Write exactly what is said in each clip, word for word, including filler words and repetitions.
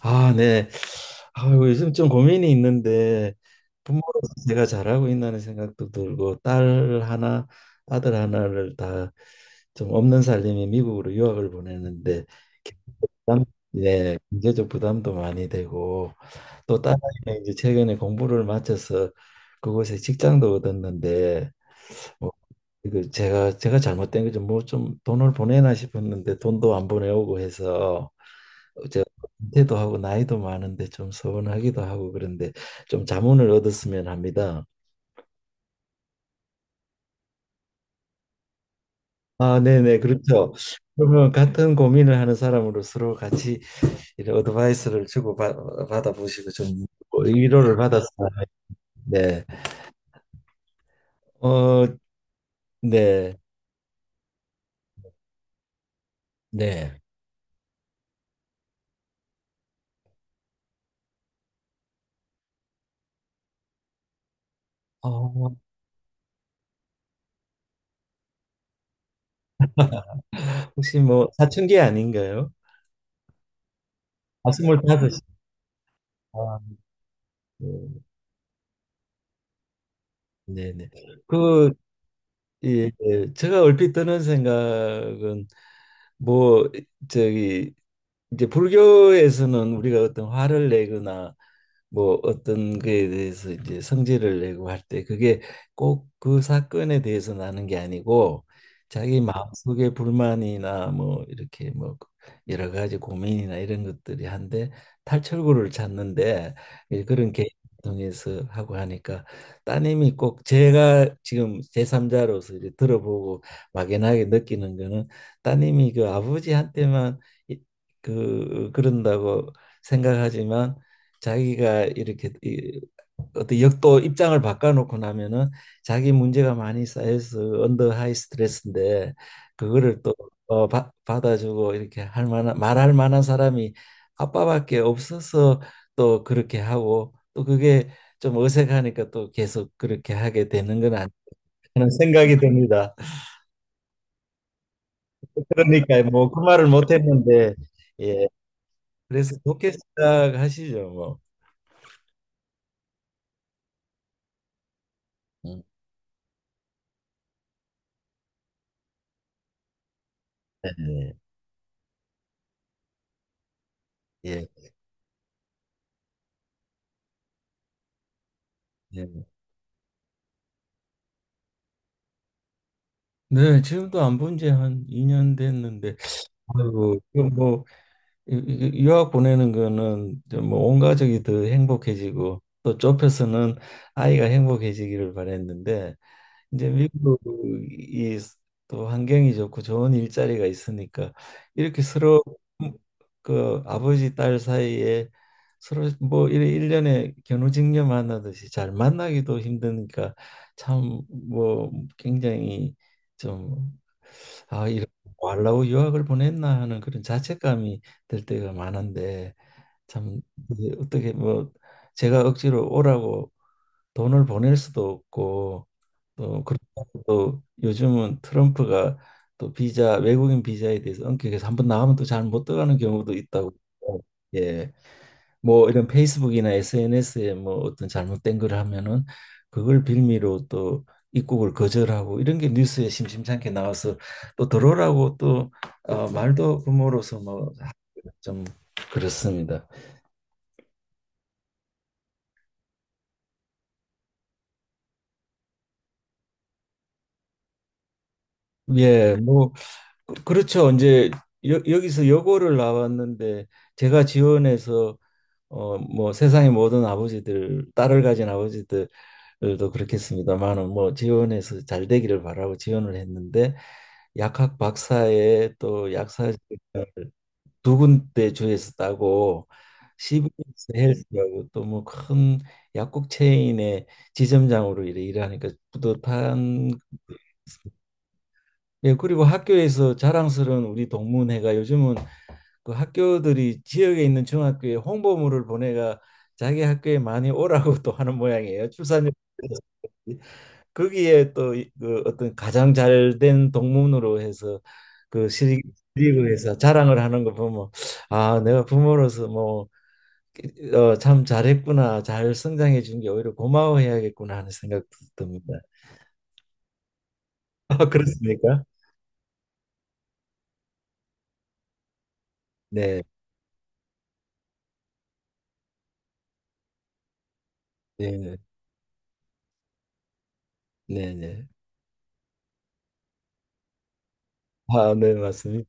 아, 네. 아이고, 요즘 좀 고민이 있는데 부모로서 제가 잘하고 있다는 생각도 들고 딸 하나, 아들 하나를 다 좀 없는 살림에 미국으로 유학을 보내는데 부담, 예, 경제적 부담도 많이 되고 또 딸아이는 이제 최근에 공부를 마쳐서 그곳에 직장도 얻었는데 뭐 이거 제가 제가 잘못된 거죠. 뭐 좀 돈을 보내나 싶었는데 돈도 안 보내오고 해서 제가 은퇴도 하고 나이도 많은데 좀 서운하기도 하고 그런데 좀 자문을 얻었으면 합니다. 아, 네네, 그렇죠. 그러면 같은 고민을 하는 사람으로 서로 같이 이런 어드바이스를 주고 받, 받아보시고 좀 위로를 받았어요. 네, 어, 네, 네. 어, 혹시 뭐 사춘기 아닌가요? 아, 스물다섯. 아, 네, 네. 그 예, 예. 제가 얼핏 드는 생각은 뭐 저기 이제 불교에서는 우리가 어떤 화를 내거나 뭐 어떤 거에 대해서 이제 성질을 내고 할 때 그게 꼭 그 사건에 대해서 나는 게 아니고 자기 마음속에 불만이나 뭐 이렇게 뭐 여러 가지 고민이나 이런 것들이 한데 탈출구를 찾는데 예, 그런 계획을 통해서 하고 하니까 따님이 꼭 제가 지금 제삼 자로서 이제 들어보고 막연하게 느끼는 거는 따님이 그 아버지한테만 이- 그 그런다고 생각하지만 자기가 이렇게 이- 어떤 역도 입장을 바꿔놓고 나면은 자기 문제가 많이 쌓여서 언더 하이 스트레스인데 그거를 또 어, 바, 받아주고 이렇게 할 만한 말할 만한 사람이 아빠밖에 없어서 또 그렇게 하고 또 그게 좀 어색하니까 또 계속 그렇게 하게 되는 건 아닌가 하는 생각이 듭니다. 그러니까 뭐 그 말을 못 했는데 예, 그래서 좋게 생각하시죠, 뭐. 음. 네, 네, 예. 예. 네, 지금도 안 본 지 한 이 년 됐는데 아이고, 이거 뭐 유- 유- 유학 보내는 거는 이제 뭐온 가족이 더 행복해지고 또 좁혀서는 아이가 행복해지기를 바랬는데 이제 미국이 또 환경이 좋고 좋은 일자리가 있으니까 이렇게 서로 음, 그 아버지 딸 사이에 서로 뭐 이래 일년에 견우직녀 만나듯이 잘 만나기도 힘드니까 참 뭐 굉장히 좀 아, 이런 왈라우 유학을 보냈나 하는 그런 자책감이 들 때가 많은데 참 이게 어떻게 뭐 제가 억지로 오라고 돈을 보낼 수도 없고 또 그렇다고 또 요즘은 트럼프가 또 비자 외국인 비자에 대해서 엄격해서 한번 나가면 또 잘 못 들어가는 경우도 있다고 예 뭐 이런 페이스북이나 에스엔에스에 뭐 어떤 잘못된 걸 하면은 그걸 빌미로 또 입국을 거절하고 이런 게 뉴스에 심심찮게 나와서 또 들어오라고 또 어, 말도 부모로서 뭐 좀 그렇습니다. 예, 뭐 그- 그렇죠. 이제 여, 여기서 여고를 나왔는데 제가 지원해서 어 뭐 세상의 모든 아버지들 딸을 가진 아버지들도 그렇겠습니다만은 뭐 지원해서 잘 되기를 바라고 지원을 했는데 약학 박사의 또 약사직을 두 군데 주에서 따고 씨비에스 헬스라고 또 뭐 큰 약국 체인의 지점장으로 이래 일하니까 뿌듯한 예, 그리고 학교에서 자랑스러운 우리 동문회가 요즘은 그 학교들이 지역에 있는 중학교에 홍보물을 보내가 자기 학교에 많이 오라고 또 하는 모양이에요. 출산율 거기에 또 그 어떤 가장 잘된 동문으로 해서 그 시리- 시리그에서 자랑을 하는 거 보면 아 내가 부모로서 뭐 어, 참 잘했구나, 잘 성장해 준 게 오히려 고마워해야겠구나 하는 생각도 듭니다. 아, 그렇습니까? 네, 네, 네, 네. 아, 네, 맞습니다.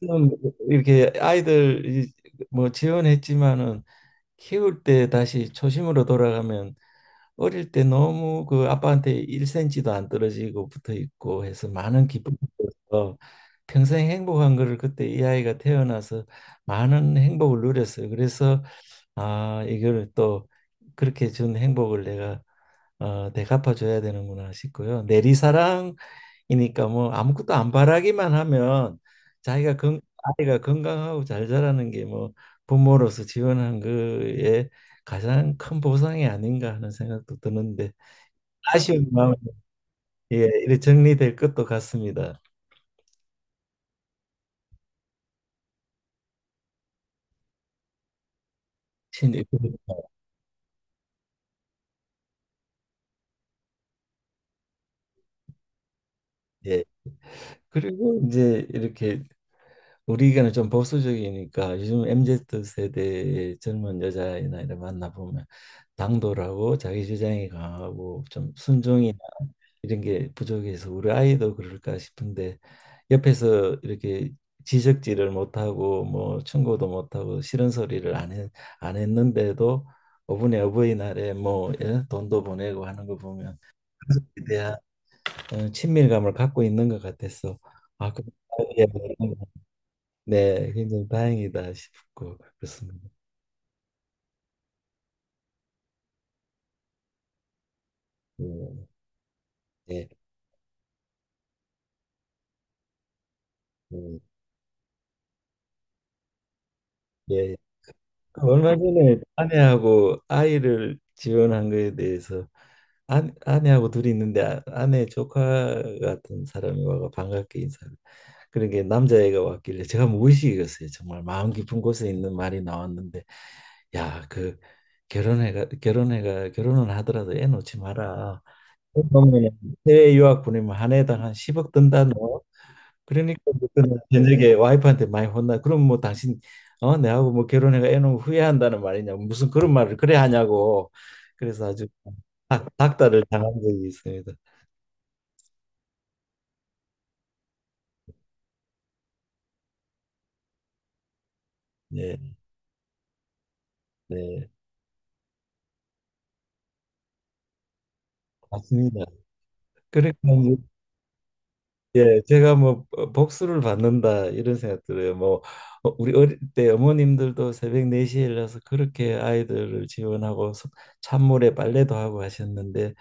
지금 이렇게 아이들 이- 뭐 지원했지만은 키울 때 다시 초심으로 돌아가면 어릴 때 너무 그 아빠한테 일 센티미터도 안 떨어지고 붙어 있고 해서 많은 기쁨을 얻어서 평생 행복한 거를 그때 이 아이가 태어나서 많은 행복을 누렸어요. 그래서 아, 이걸 또 그렇게 준 행복을 내가 어, 되갚아 줘야 되는구나 싶고요. 내리사랑이니까 뭐 아무것도 안 바라기만 하면 자기가 건 아이가 건강하고 잘 자라는 게 뭐 부모로서 지원한 거에 가장 큰 보상이 아닌가 하는 생각도 드는데 아쉬운 마음 예 이렇게 정리될 것도 같습니다. 신- 예. 예. 그리고 이제 이렇게 우리가 좀 보수적이니까 요즘 엠지 세대의 젊은 여자이나 이런 만나 보면 당돌하고 자기 주장이 강하고 좀 순종이나 이런 게 부족해서 우리 아이도 그럴까 싶은데 옆에서 이렇게 지적질을 못하고 뭐 충고도 못하고 싫은 소리를 안, 했, 안 했는데도 어분의 어버이날에 뭐 예? 돈도 보내고 하는 거 보면 대한 어, 친밀감을 갖고 있는 것 같아서 아, 그, 예, 네, 굉장히 다행이다 싶고 그렇습니다. 음, 예, 음, 예, 얼마 전에 아내하고 아이를 지원한 거에 대해서 아, 아내하고 둘이 있는데 아- 아내 조카 같은 사람이 와가 반갑게 인사를 그런 게 남자애가 왔길래 제가 무의식이었어요. 정말 마음 깊은 곳에 있는 말이 나왔는데 야, 그 결혼해가 결혼해가 결혼은 하더라도 애 놓지 마라. 보면 해외 유학 보내면 한 해당 한 십억 든다 너. 그러니까 그날 저녁에 와이프한테 많이 혼나. 그럼 뭐 당신 어 내하고 뭐 결혼해가 애 놓으면 후회한다는 말이냐. 무슨 그런 말을 그래 하냐고. 그래서 아주 닭, 닭다를 당한 적이 있습니다. 예, 네, 맞습니다. 그러니까 이제, 예, 제가 뭐 복수를 받는다 이런 생각 들어요. 뭐 어, 우리 어릴 때 어머님들도 새벽 네 시에 일어나서 그렇게 아이들을 지원하고 소- 찬물에 빨래도 하고 하셨는데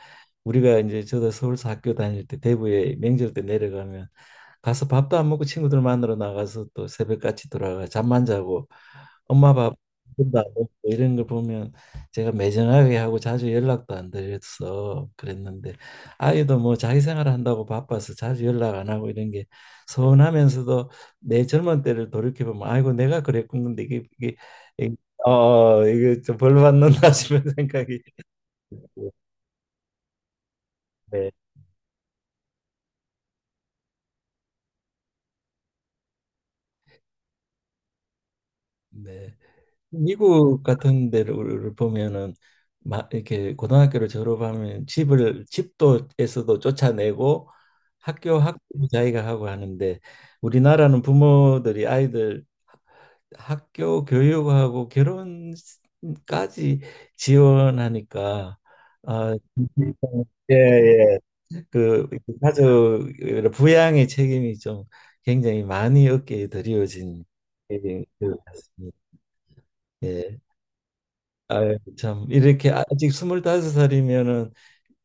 우리가 이제 저도 서울서 학교 다닐 때 대구에 명절 때 내려가면 가서 밥도 안 먹고 친구들 만나러 나가서 또 새벽같이 돌아가 잠만 자고 엄마 밥 밥도 안 먹고 이런 걸 보면 제가 매정하게 하고 자주 연락도 안 드려서 그랬는데 아이도 뭐 자기 생활 한다고 바빠서 자주 연락 안 하고 이런 게 서운하면서도 내 젊은 때를 돌이켜보면 아이고 내가 그랬군데 이게 이게 이게- 어 이게 좀 벌 받는다 싶은 생각이 네 네. 미국 같은 데를 보면은 막 이렇게 고등학교를 졸업하면 집을 집도에서도 쫓아내고 학교 학부 자기가 하고 하는데 우리나라는 부모들이 아이들 학교 교육하고 결혼까지 지원하니까 아, 예, 예. 그 가족 부양의 책임이 좀 굉장히 많이 어깨에 드리워진 예, 그 같습니다. 예. 아유, 참 이렇게 아직 스물다섯 살이면은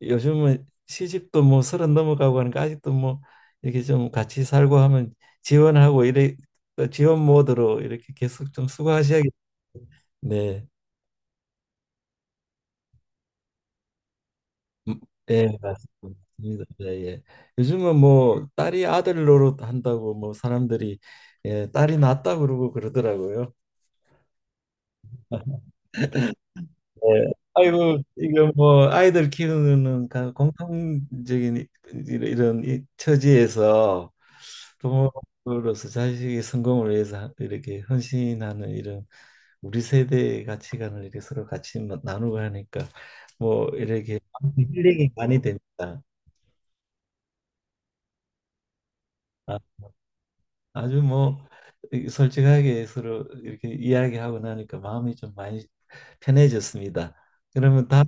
요즘은 시집도 뭐 서른 넘어가고 하니까 아직도 뭐 이렇게 좀 같이 살고 하면 지원하고 이래 또 지원 모드로 이렇게 계속 좀 수고하셔야겠. 네, 음, 예, 맞습니다. 예, 예. 요즘은 뭐 딸이 아들 노릇 한다고 뭐 사람들이 예, 딸이 낳았다 그러고 그러더라고요. 예. 아이고 이거 뭐 아이들 키우는 가- 공통적인 이런 이런 처지에서 부모로서 자식의 성공을 위해서 하- 이렇게 헌신하는 이런 우리 세대의 가치관을 이렇게 서로 같이 마- 나누고 하니까 뭐 이렇게 힐링이 많이 됩니다. 아, 아주 뭐 이- 솔직하게 서로 이렇게 이야기하고 나니까 마음이 좀 많이 편해졌습니다. 그러면 다음